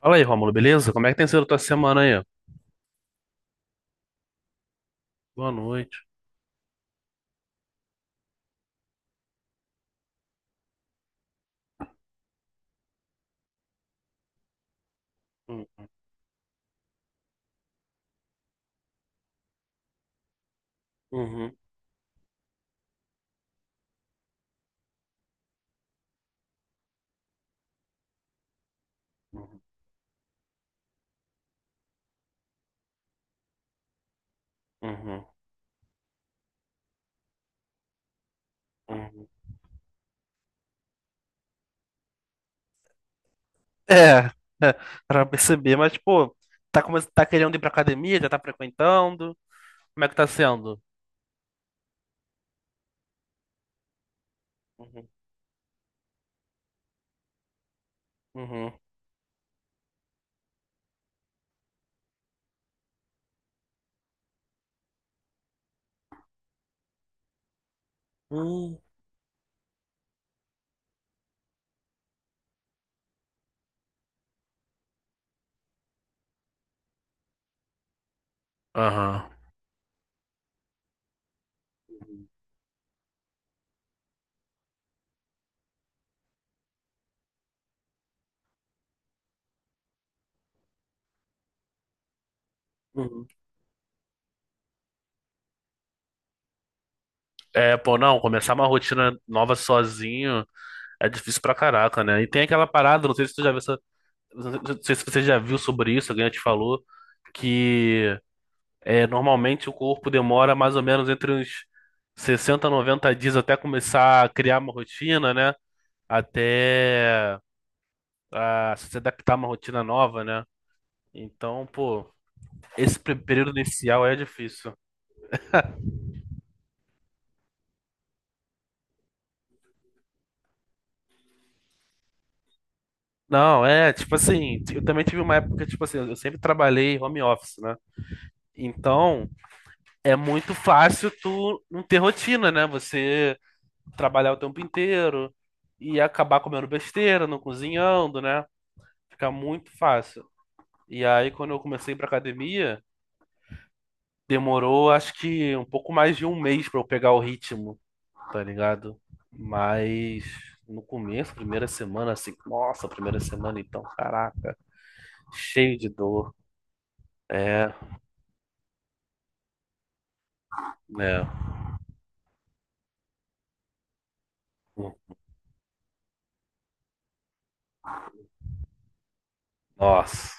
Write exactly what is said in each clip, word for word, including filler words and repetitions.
Fala aí, Rômulo, beleza? Como é que tem sido a tua semana aí? Boa noite. Uhum, uhum, uhum, uhum, uhum. É, é, pra perceber, mas, pô, tá, come... tá querendo ir pra academia, já tá frequentando, como é que tá sendo? Uhum, uhum, uhum. Aham. Uhum. É, pô, não, começar uma rotina nova sozinho é difícil pra caraca, né? E tem aquela parada, não sei se tu já viu, essa- não sei se você já viu sobre isso, alguém já te falou, que é, normalmente o corpo demora mais ou menos entre uns sessenta noventa dias até começar a criar uma rotina, né? Até a se adaptar a uma rotina nova, né? Então, pô, esse pe- período inicial é difícil. Não, é, tipo assim, eu também tive uma época, tipo assim, eu sempre trabalhei home office, né? Então, é muito fácil tu não ter rotina, né? Você trabalhar o tempo inteiro e acabar comendo besteira, não cozinhando, né? Fica muito fácil. E aí, quando eu comecei pra academia, demorou acho que um pouco mais de um mês pra eu pegar o ritmo, tá ligado? Mas no começo, primeira semana, assim, nossa, primeira semana então, caraca, cheio de dor. É, é, um, nossa.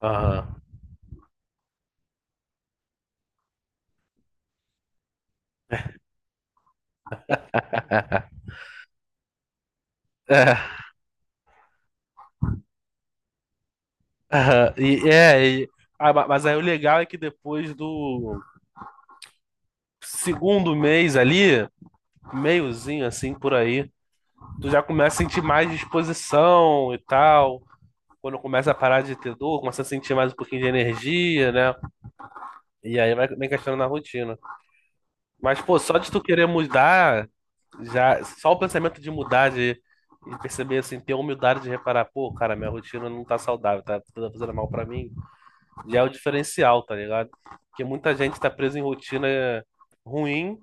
Aham. É, aham. e, é, e- ah, ma- mas aí o legal é que depois do segundo mês ali, meiozinho assim por aí, tu já começa a sentir mais disposição e tal. Quando começa a parar de ter dor, começa a sentir mais um pouquinho de energia, né? E aí vai bem questionando na rotina. Mas, pô, só de tu querer mudar, já, só o pensamento de mudar, de, de perceber, assim, ter a humildade de reparar, pô, cara, minha rotina não tá saudável, tá tá fazendo mal pra mim, já é o diferencial, tá ligado? Porque muita gente tá presa em rotina ruim,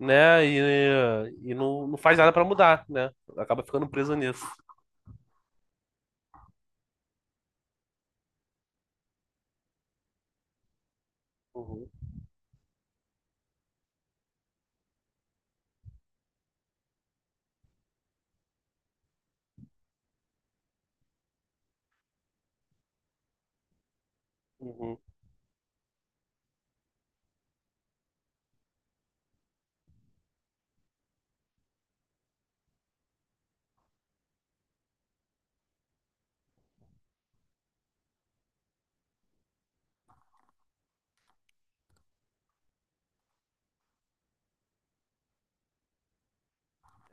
né? E, e não, não faz nada pra mudar, né? Acaba ficando preso nisso. Uhum, uhum,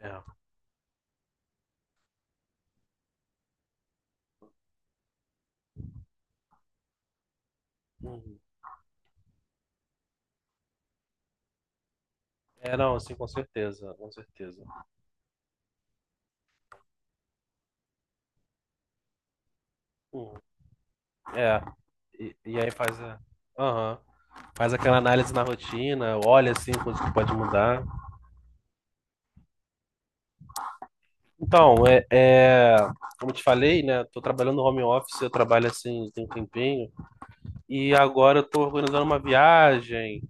é. Uhum. É, não, assim, com certeza, com certeza. Hum. É. E, e aí faz a, aham, faz aquela análise na rotina, olha assim coisas que pode mudar. Então, é, é, como eu te falei, né? Tô trabalhando no home office, eu trabalho assim tem um tempinho. E agora eu tô organizando uma viagem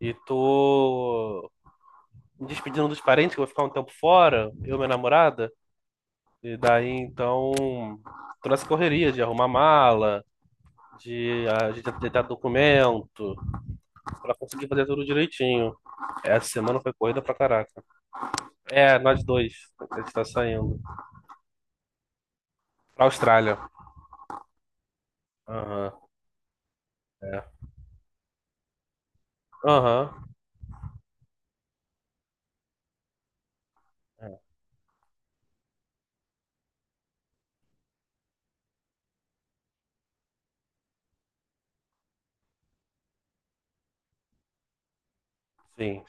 e tô me despedindo dos parentes, que eu vou ficar um tempo fora, eu e minha namorada. E daí, então, tô nessa correria de arrumar mala, de ajeitar documento. Pra conseguir fazer tudo direitinho. Essa semana foi corrida pra caraca. É, nós dois. A gente tá saindo. Pra Austrália. Aham. É. Aham. É. Sim.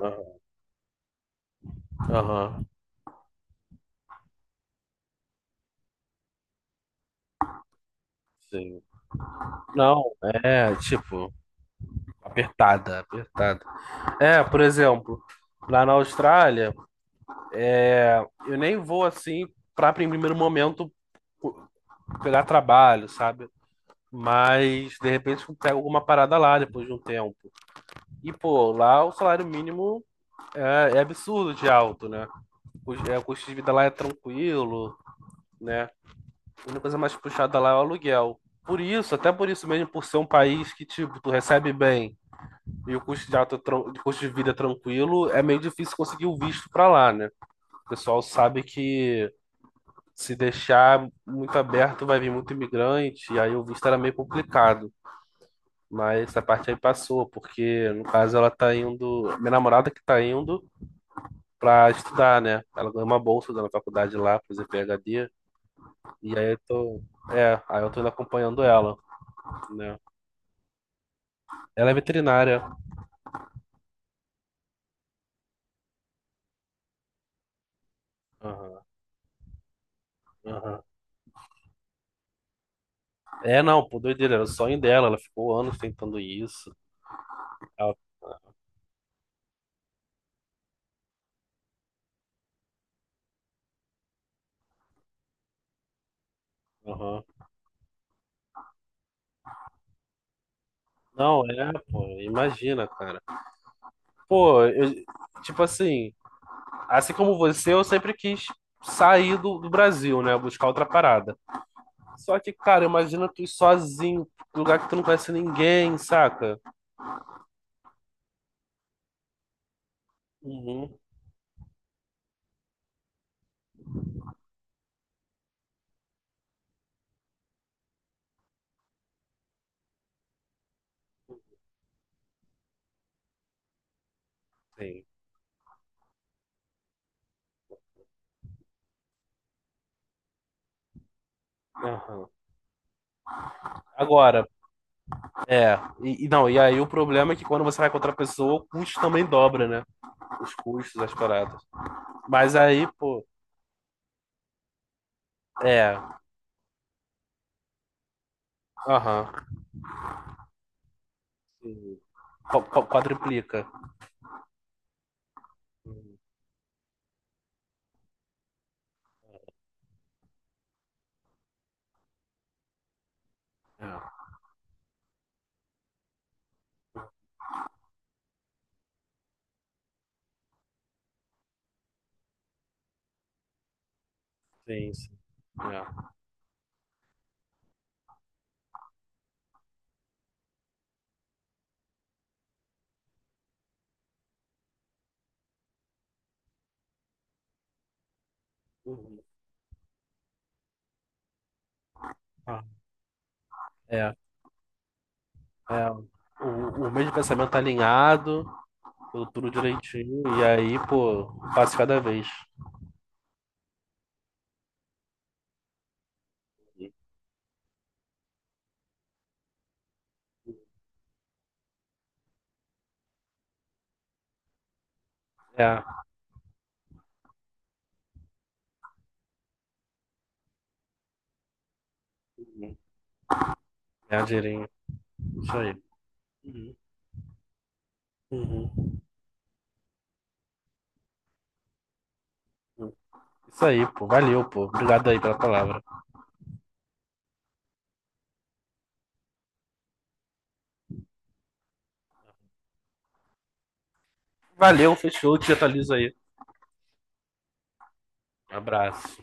Aham. Aham. Sim. Não, é, tipo, apertada, apertada. É, por exemplo, lá na Austrália, é, eu nem vou assim pra em primeiro momento co- pegar trabalho, sabe? Mas de repente eu pego alguma parada lá depois de um tempo. E pô, lá o salário mínimo é, é absurdo de alto, né? O, é, o custo de vida lá é tranquilo, né? A única coisa mais puxada lá é o aluguel. Por isso, até por isso mesmo, por ser um país que, tipo, tu recebe bem e o custo de, alto, é tran- de custo de vida é tranquilo, é meio difícil conseguir o visto pra lá, né? O pessoal sabe que se deixar muito aberto vai vir muito imigrante, e aí o visto era meio complicado. Mas essa parte aí passou, porque no caso ela tá indo, minha namorada que tá indo, para estudar, né? Ela ganhou uma bolsa da faculdade lá, pra fazer P H D. E aí eu tô. É, aí eu tô indo acompanhando ela, né? Ela é veterinária. Aham, aham. É, não, pô, doideira, era o sonho dela. Ela ficou anos tentando isso. Ela- Aham. Não, é, pô, imagina, cara. Pô, eu, tipo assim, assim como você, eu sempre quis sair do, do Brasil, né? Buscar outra parada. Só que, cara, imagina tu ir sozinho, num lugar que tu não conhece ninguém, saca? Uhum. Sim. Aham. Agora, é, e, e não, e aí o problema é que quando você vai contra a pessoa, o custo também dobra, né? Os custos, as paradas. Mas aí, pô, é, aham, sim. Qu- qu- quadriplica. Uhum. É, sim, sim. É. Uhum. Ah, é, é. O, o mesmo pensamento tá alinhado, tudo tudo direitinho, e aí, pô, um passo cada vez. É, uhum, é, dinheirinho. Isso aí. Uhum. Uhum. Uhum. Isso aí, pô. Valeu, pô. Obrigado aí pela palavra. Valeu, fechou. Te atualizo aí. Abraço.